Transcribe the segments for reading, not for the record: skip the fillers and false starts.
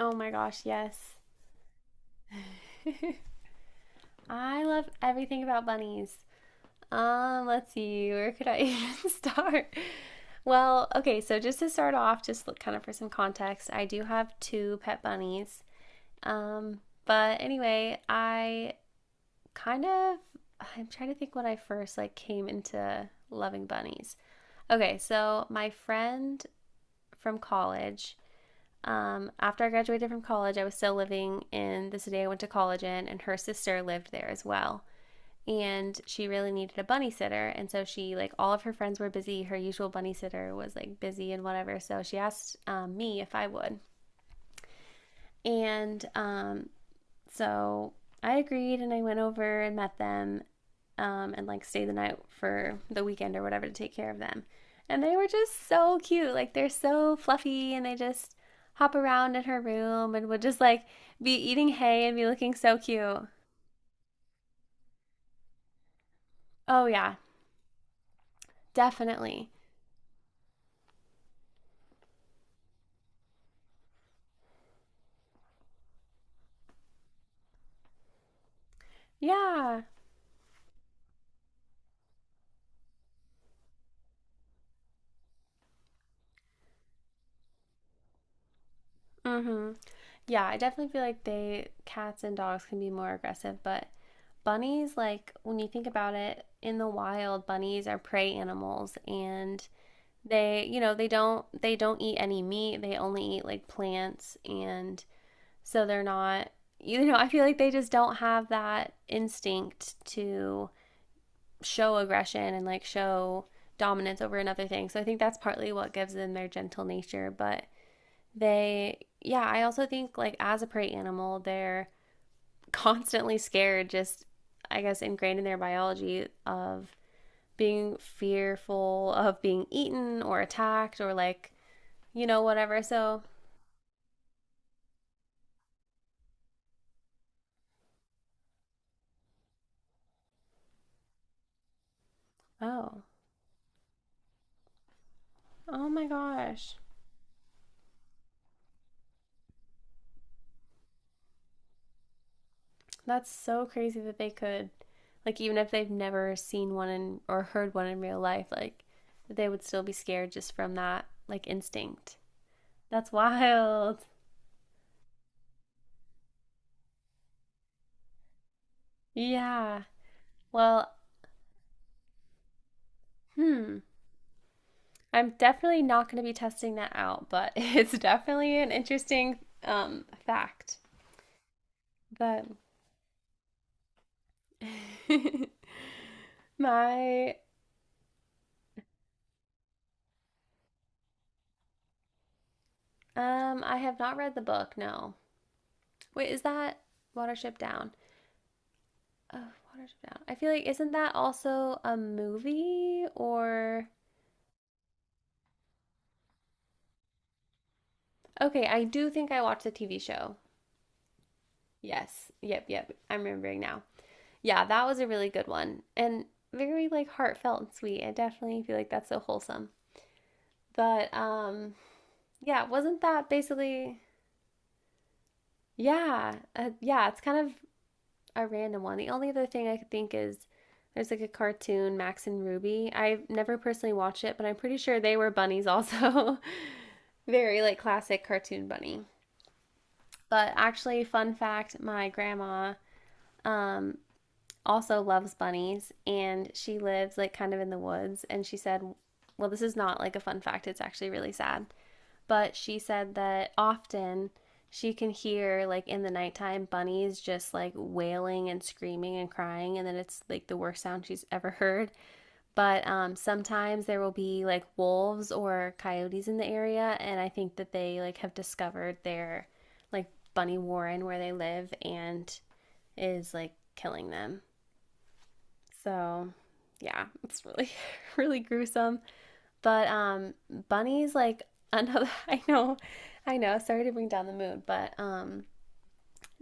Oh my gosh, yes. I love everything about bunnies. Let's see, where could I even start? Well, okay, so just to start off, just look kind of for some context, I do have two pet bunnies. Um, but anyway, I kind of I'm trying to think when I first like came into loving bunnies. Okay, so my friend from college, after I graduated from college, I was still living in the city I went to college in, and her sister lived there as well. And she really needed a bunny sitter, and so she, like, all of her friends were busy, her usual bunny sitter was like busy and whatever, so she asked me if I would. And so I agreed and I went over and met them, and like stayed the night for the weekend or whatever to take care of them. And they were just so cute, like they're so fluffy, and they just hop around in her room and would just like be eating hay and be looking so cute. Oh yeah, definitely. Yeah. Mm-hmm. Yeah, I definitely feel like they cats and dogs can be more aggressive, but bunnies, like, when you think about it, in the wild, bunnies are prey animals and they, you know, they don't eat any meat. They only eat like plants, and so they're not, you know, I feel like they just don't have that instinct to show aggression and like show dominance over another thing. So I think that's partly what gives them their gentle nature, but they, yeah, I also think, like, as a prey animal, they're constantly scared, just, I guess, ingrained in their biology of being fearful of being eaten or attacked, or, like, you know, whatever. So, oh, oh my gosh. That's so crazy that they could, like, even if they've never seen one in, or heard one in real life, like, they would still be scared just from that, like, instinct. That's wild. Yeah. Well, hmm. I'm definitely not going to be testing that out, but it's definitely an interesting fact. But my, I have not read the book. No, wait, is that Watership Down? Oh, Watership Down. I feel like isn't that also a movie or? Okay, I do think I watched the TV show. Yes, yep, yep. I'm remembering now. Yeah, that was a really good one, and very like heartfelt and sweet. I definitely feel like that's so wholesome. But Yeah, wasn't that basically? Yeah, yeah, it's kind of a random one. The only other thing I could think is there's like a cartoon, Max and Ruby. I've never personally watched it, but I'm pretty sure they were bunnies also. Very like classic cartoon bunny. But actually, fun fact, my grandma um also loves bunnies, and she lives like kind of in the woods, and she said, well, this is not like a fun fact, it's actually really sad. But she said that often she can hear, like, in the nighttime, bunnies just like wailing and screaming and crying, and then it's like the worst sound she's ever heard. But sometimes there will be like wolves or coyotes in the area, and I think that they, like, have discovered their, like, bunny warren where they live and is like killing them. So yeah, it's really, really gruesome. But bunnies like another I know, sorry to bring down the mood, but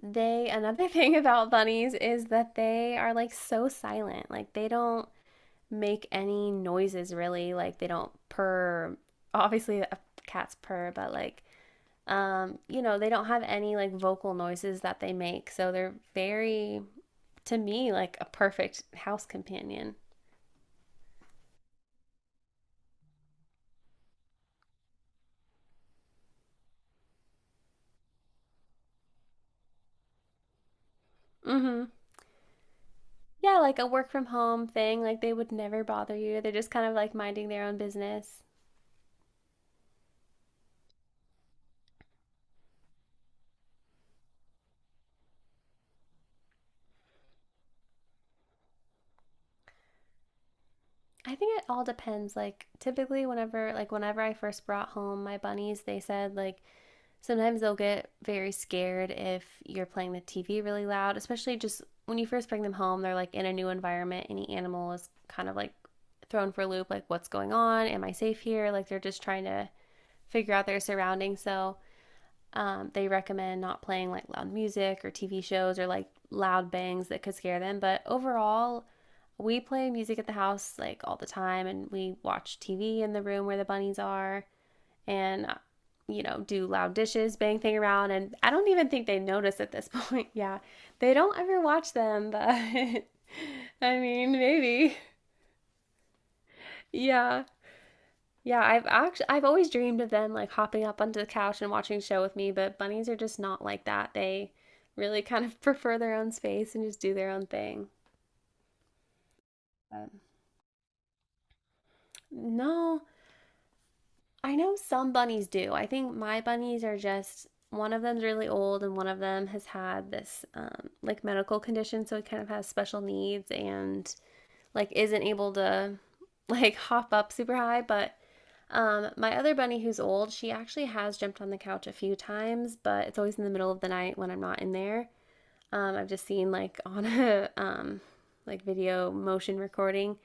they another thing about bunnies is that they are like so silent. Like they don't make any noises really. Like they don't purr. Obviously cat's purr, but like, you know, they don't have any like vocal noises that they make. So they're very, to me, like a perfect house companion. Mhm. Yeah, like a work from home thing. Like they would never bother you. They're just kind of like minding their own business. I think it all depends. Like typically whenever I first brought home my bunnies, they said, like, sometimes they'll get very scared if you're playing the TV really loud, especially just when you first bring them home, they're like in a new environment. Any animal is kind of like thrown for a loop, like, what's going on? Am I safe here? Like they're just trying to figure out their surroundings. So they recommend not playing like loud music or TV shows or like loud bangs that could scare them. But overall, we play music at the house like all the time, and we watch TV in the room where the bunnies are, and, you know, do loud dishes, bang thing around. And I don't even think they notice at this point. Yeah. They don't ever watch them, but I mean, maybe. Yeah. Yeah, I've always dreamed of them like hopping up onto the couch and watching a show with me, but bunnies are just not like that. They really kind of prefer their own space and just do their own thing. But no, I know some bunnies do. I think my bunnies are just, one of them's really old, and one of them has had this like medical condition, so it kind of has special needs and like isn't able to like hop up super high, but my other bunny, who's old, she actually has jumped on the couch a few times, but it's always in the middle of the night when I'm not in there. I've just seen like on a like video motion recording.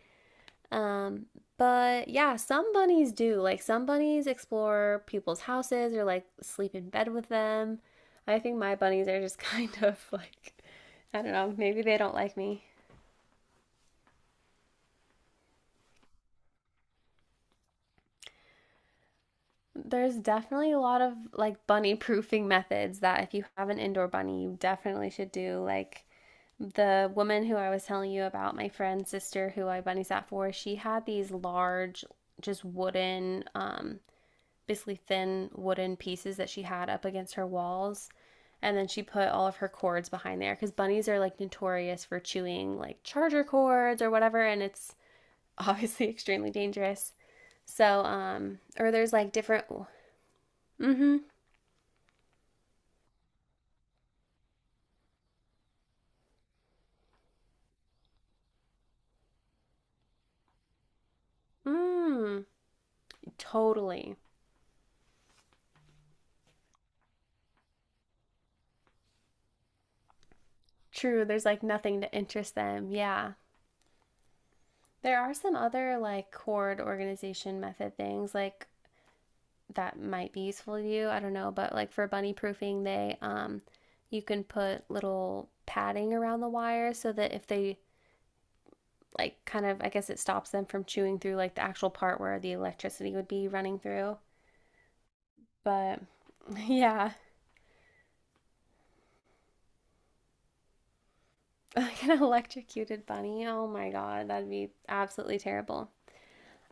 Um, but yeah, some bunnies do. Like some bunnies explore people's houses or like sleep in bed with them. I think my bunnies are just kind of like, I don't know, maybe they don't like me. There's definitely a lot of like bunny proofing methods that if you have an indoor bunny, you definitely should do. Like the woman who I was telling you about, my friend's sister who I bunny sat for, she had these large, just wooden, basically thin wooden pieces that she had up against her walls. And then she put all of her cords behind there, because bunnies are like notorious for chewing like charger cords or whatever. And it's obviously extremely dangerous. So, or there's like different. Mm hmm. Mm, totally. True. There's like nothing to interest them. Yeah. There are some other like chord organization method things like that might be useful to you. I don't know, but like for bunny proofing, they you can put little padding around the wire so that if they like, kind of, I guess it stops them from chewing through like the actual part where the electricity would be running through. But yeah, like an electrocuted bunny. Oh my god, that'd be absolutely terrible.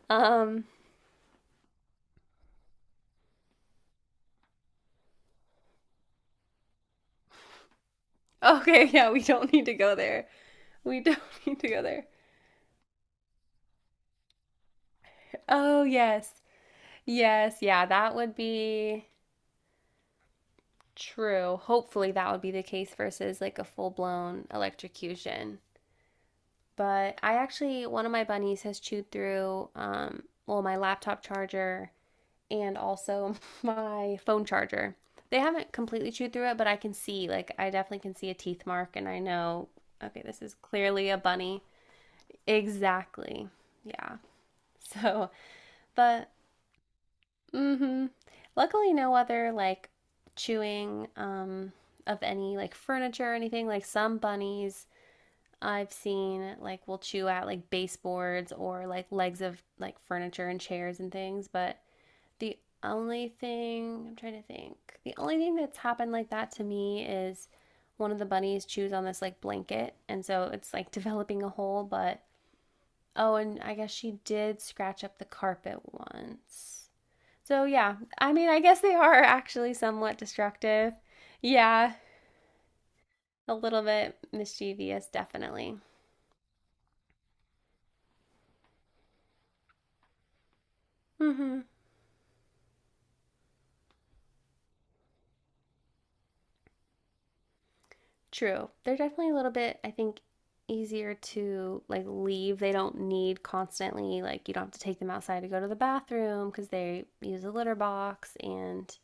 Um Okay, yeah, we don't need to go there. We don't need to go there. Oh, yes. Yes, yeah, that would be true. Hopefully, that would be the case versus like a full blown electrocution. But one of my bunnies has chewed through, well, my laptop charger, and also my phone charger. They haven't completely chewed through it, but I can see, like, I definitely can see a teeth mark, and I know, okay, this is clearly a bunny. Exactly. Yeah. So, but mm-hmm. Luckily no other like chewing of any like furniture or anything. Like some bunnies I've seen like will chew at like baseboards or like legs of like furniture and chairs and things, but the only thing I'm trying to think. The only thing that's happened like that to me is one of the bunnies chews on this like blanket, and so it's like developing a hole, but oh, and I guess she did scratch up the carpet once. So, yeah, I mean, I guess they are actually somewhat destructive. Yeah, a little bit mischievous, definitely. Mm-hmm. True. They're definitely a little bit, I think, easier to like leave. They don't need constantly, like, you don't have to take them outside to go to the bathroom because they use a litter box, and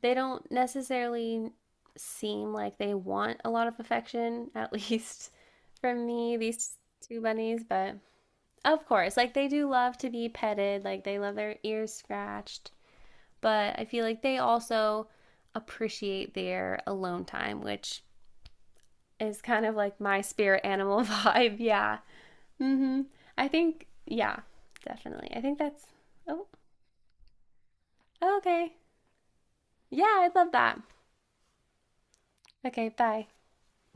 they don't necessarily seem like they want a lot of affection, at least from me, these two bunnies, but of course, like they do love to be petted, like they love their ears scratched, but I feel like they also appreciate their alone time, which is kind of like my spirit animal vibe. Yeah. Mm-hmm. I think, yeah, definitely. I think that's, oh, okay. Yeah, I love that. Okay, bye.